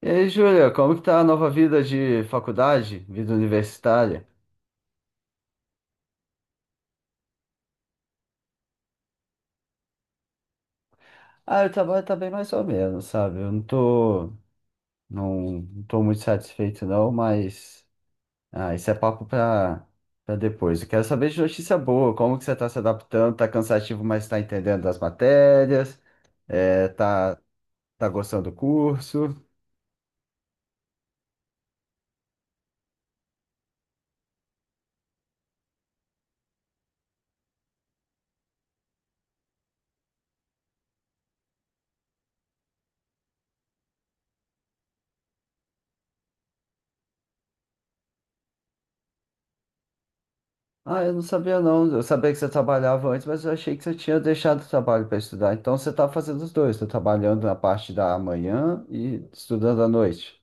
E aí, Júlia, como que tá a nova vida de faculdade, vida universitária? Ah, o trabalho tá bem mais ou menos, sabe? Eu não tô, não, não tô muito satisfeito, não, mas isso é papo pra depois. Eu quero saber de notícia boa. Como que você tá se adaptando? Tá cansativo, mas tá entendendo as matérias, é, tá, tá gostando do curso? Ah, eu não sabia, não. Eu sabia que você trabalhava antes, mas eu achei que você tinha deixado o trabalho para estudar. Então você está fazendo os dois, tá trabalhando na parte da manhã e estudando à noite.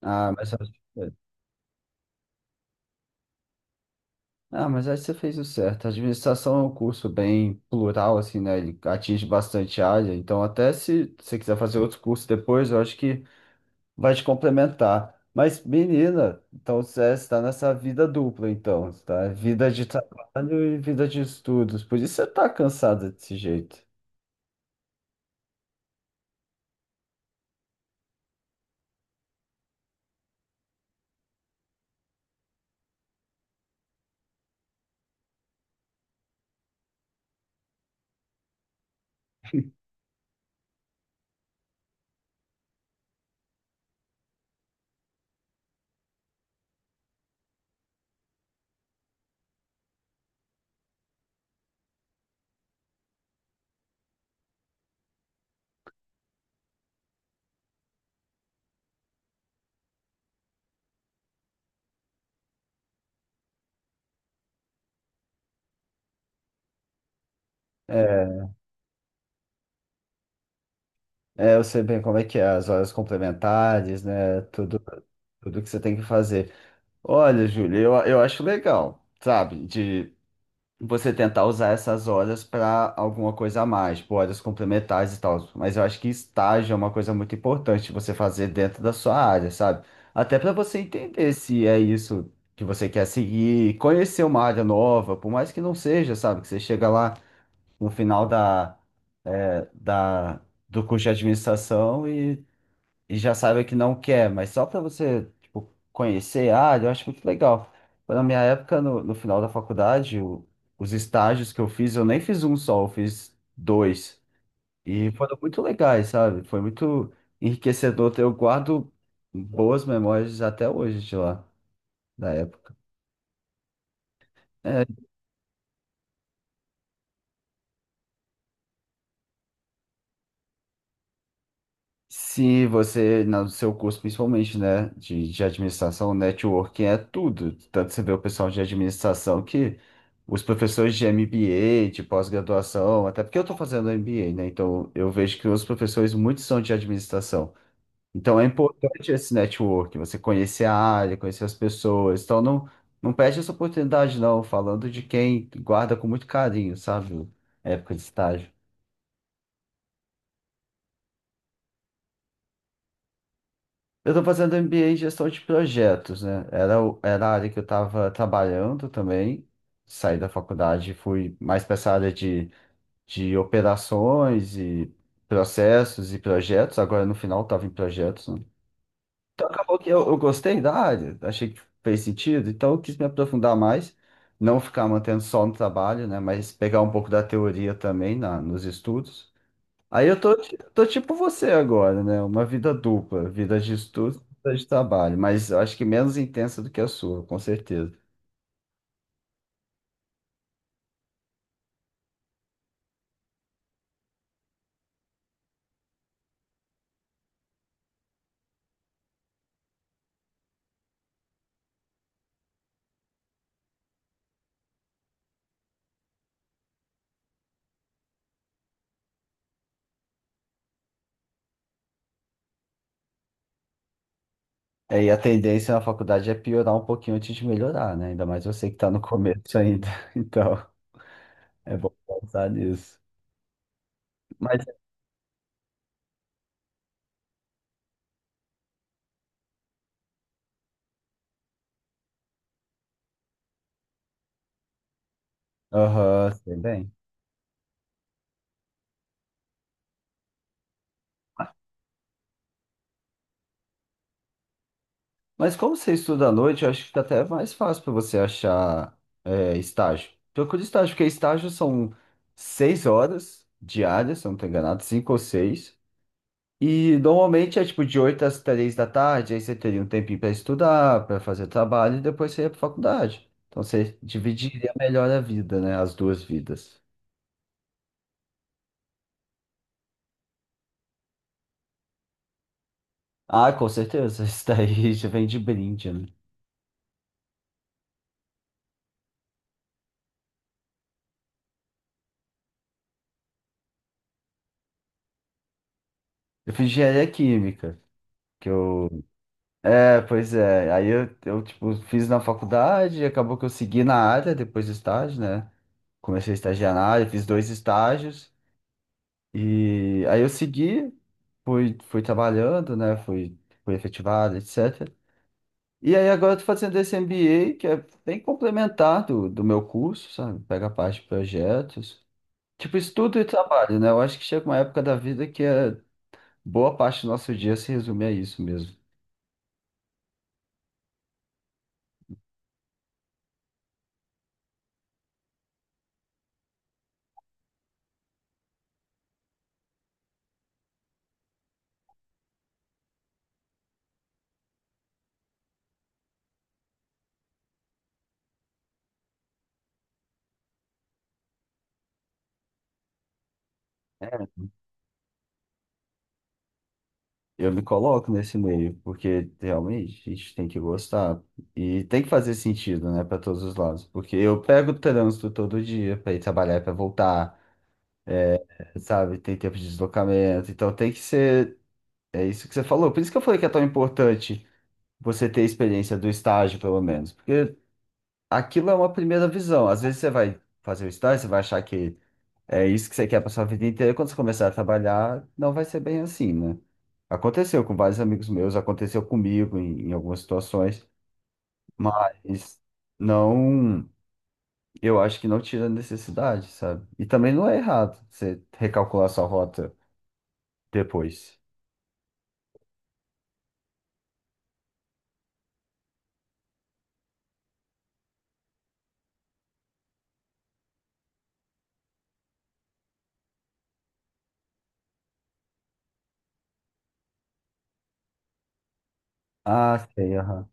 Ah, mas Ah, mas aí você fez o certo. A administração é um curso bem plural, assim, né? Ele atinge bastante área. Então, até se você quiser fazer outros cursos depois, eu acho que vai te complementar. Mas, menina, então você está nessa vida dupla, então, tá? Vida de trabalho e vida de estudos. Por isso você tá cansada desse jeito. É, é, eu sei bem como é que é, as horas complementares, né? Tudo, tudo que você tem que fazer. Olha, Júlia, eu acho legal, sabe? Você tentar usar essas horas para alguma coisa a mais, tipo, horas complementares e tal. Mas eu acho que estágio é uma coisa muito importante você fazer dentro da sua área, sabe? Até para você entender se é isso que você quer seguir, conhecer uma área nova, por mais que não seja, sabe? Que você chega lá no final é, da, do curso de administração e já saiba que não quer, mas só para você, tipo, conhecer a área, eu acho muito legal. Na minha época, no final da faculdade, os estágios que eu fiz, eu nem fiz um só, eu fiz dois. E foram muito legais, sabe? Foi muito enriquecedor. Eu guardo boas memórias até hoje de lá, da época. É, se você, no seu curso principalmente, né, de administração, networking é tudo. Tanto você vê o pessoal de administração que os professores de MBA, de pós-graduação, até porque eu estou fazendo MBA, né, então eu vejo que os professores muitos são de administração. Então é importante esse network, você conhecer a área, conhecer as pessoas. Então, não, não perde essa oportunidade, não, falando de quem guarda com muito carinho, sabe, a época de estágio. Eu estou fazendo MBA em gestão de projetos, né? Era a área que eu estava trabalhando também. Saí da faculdade e fui mais para essa área de operações e processos e projetos. Agora, no final, estava em projetos, né? Então, acabou que eu gostei da área, achei que fez sentido, então eu quis me aprofundar mais, não ficar mantendo só no trabalho, né? Mas pegar um pouco da teoria também nos estudos. Aí eu tô tipo você agora, né? Uma vida dupla, vida de estudo, vida de trabalho, mas eu acho que menos intensa do que a sua, com certeza. É, e a tendência na faculdade é piorar um pouquinho antes de melhorar, né? Ainda mais você que tá no começo ainda. Então, é bom pensar nisso. Mas, aham, sei bem. Mas como você estuda à noite, eu acho que fica até mais fácil para você achar estágio. Procura estágio, porque estágio são 6 horas diárias, se eu não estou enganado, 5 ou 6. E normalmente é tipo de 8 às 3 da tarde, aí você teria um tempinho para estudar, para fazer trabalho e depois você ia para faculdade. Então você dividiria melhor a vida, né? As duas vidas. Ah, com certeza, isso daí já vem de brinde, né? Eu fiz engenharia química, que eu. É, pois é. Aí eu tipo, fiz na faculdade, e acabou que eu segui na área depois do estágio, né? Comecei a estagiar na área, fiz dois estágios. E aí eu segui. Fui trabalhando, né? Fui efetivado, etc. E aí agora eu tô fazendo esse MBA, que é bem complementar do meu curso, sabe? Pega a parte de projetos. Tipo, estudo e trabalho, né? Eu acho que chega uma época da vida que é boa parte do nosso dia se resume a isso mesmo. Eu me coloco nesse meio, porque realmente a gente tem que gostar e tem que fazer sentido, né, para todos os lados. Porque eu pego o trânsito todo dia para ir trabalhar, para voltar, sabe? Tem tempo de deslocamento, então tem que ser. É isso que você falou. Por isso que eu falei que é tão importante você ter a experiência do estágio, pelo menos. Porque aquilo é uma primeira visão. Às vezes você vai fazer o estágio, você vai achar que é isso que você quer para sua vida inteira. E quando você começar a trabalhar, não vai ser bem assim, né? Aconteceu com vários amigos meus, aconteceu comigo em algumas situações, mas não, eu acho que não tira a necessidade, sabe? E também não é errado você recalcular sua rota depois. Ah, sei, aham.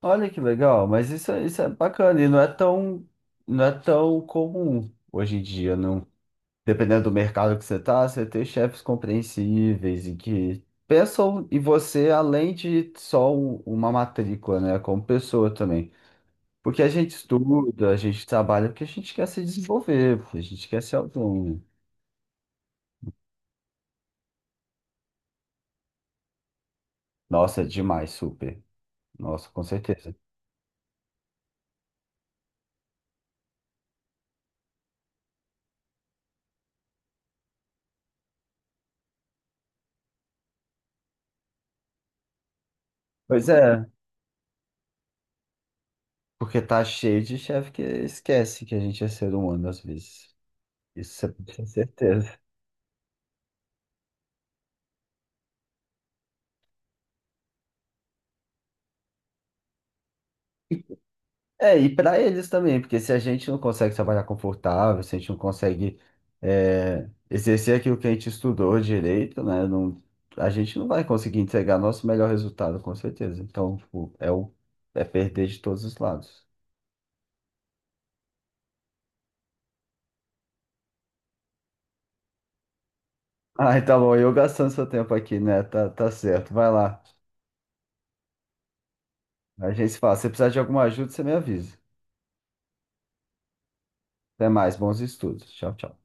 Olha que legal, mas isso, isso é bacana e não é tão, não é tão comum hoje em dia, não. Dependendo do mercado que você tá, você ter chefes compreensíveis e que pensam em você além de só uma matrícula, né, como pessoa também. Porque a gente estuda, a gente trabalha porque a gente quer se desenvolver, porque a gente quer ser autônomo. Nossa, é demais, super. Nossa, com certeza. Pois é, porque tá cheio de chefe que esquece que a gente é ser humano às vezes. Isso você pode ter certeza. E- É, e para eles também, porque se a gente não consegue trabalhar confortável, se a gente não consegue exercer aquilo que a gente estudou direito, né? Não, a gente não vai conseguir entregar nosso melhor resultado, com certeza. Então, tipo, é perder de todos os lados. Ah, tá bom, eu gastando seu tempo aqui, né? Tá, tá certo, vai lá. A gente se fala. Se precisar de alguma ajuda, você me avisa. Até mais, bons estudos. Tchau, tchau.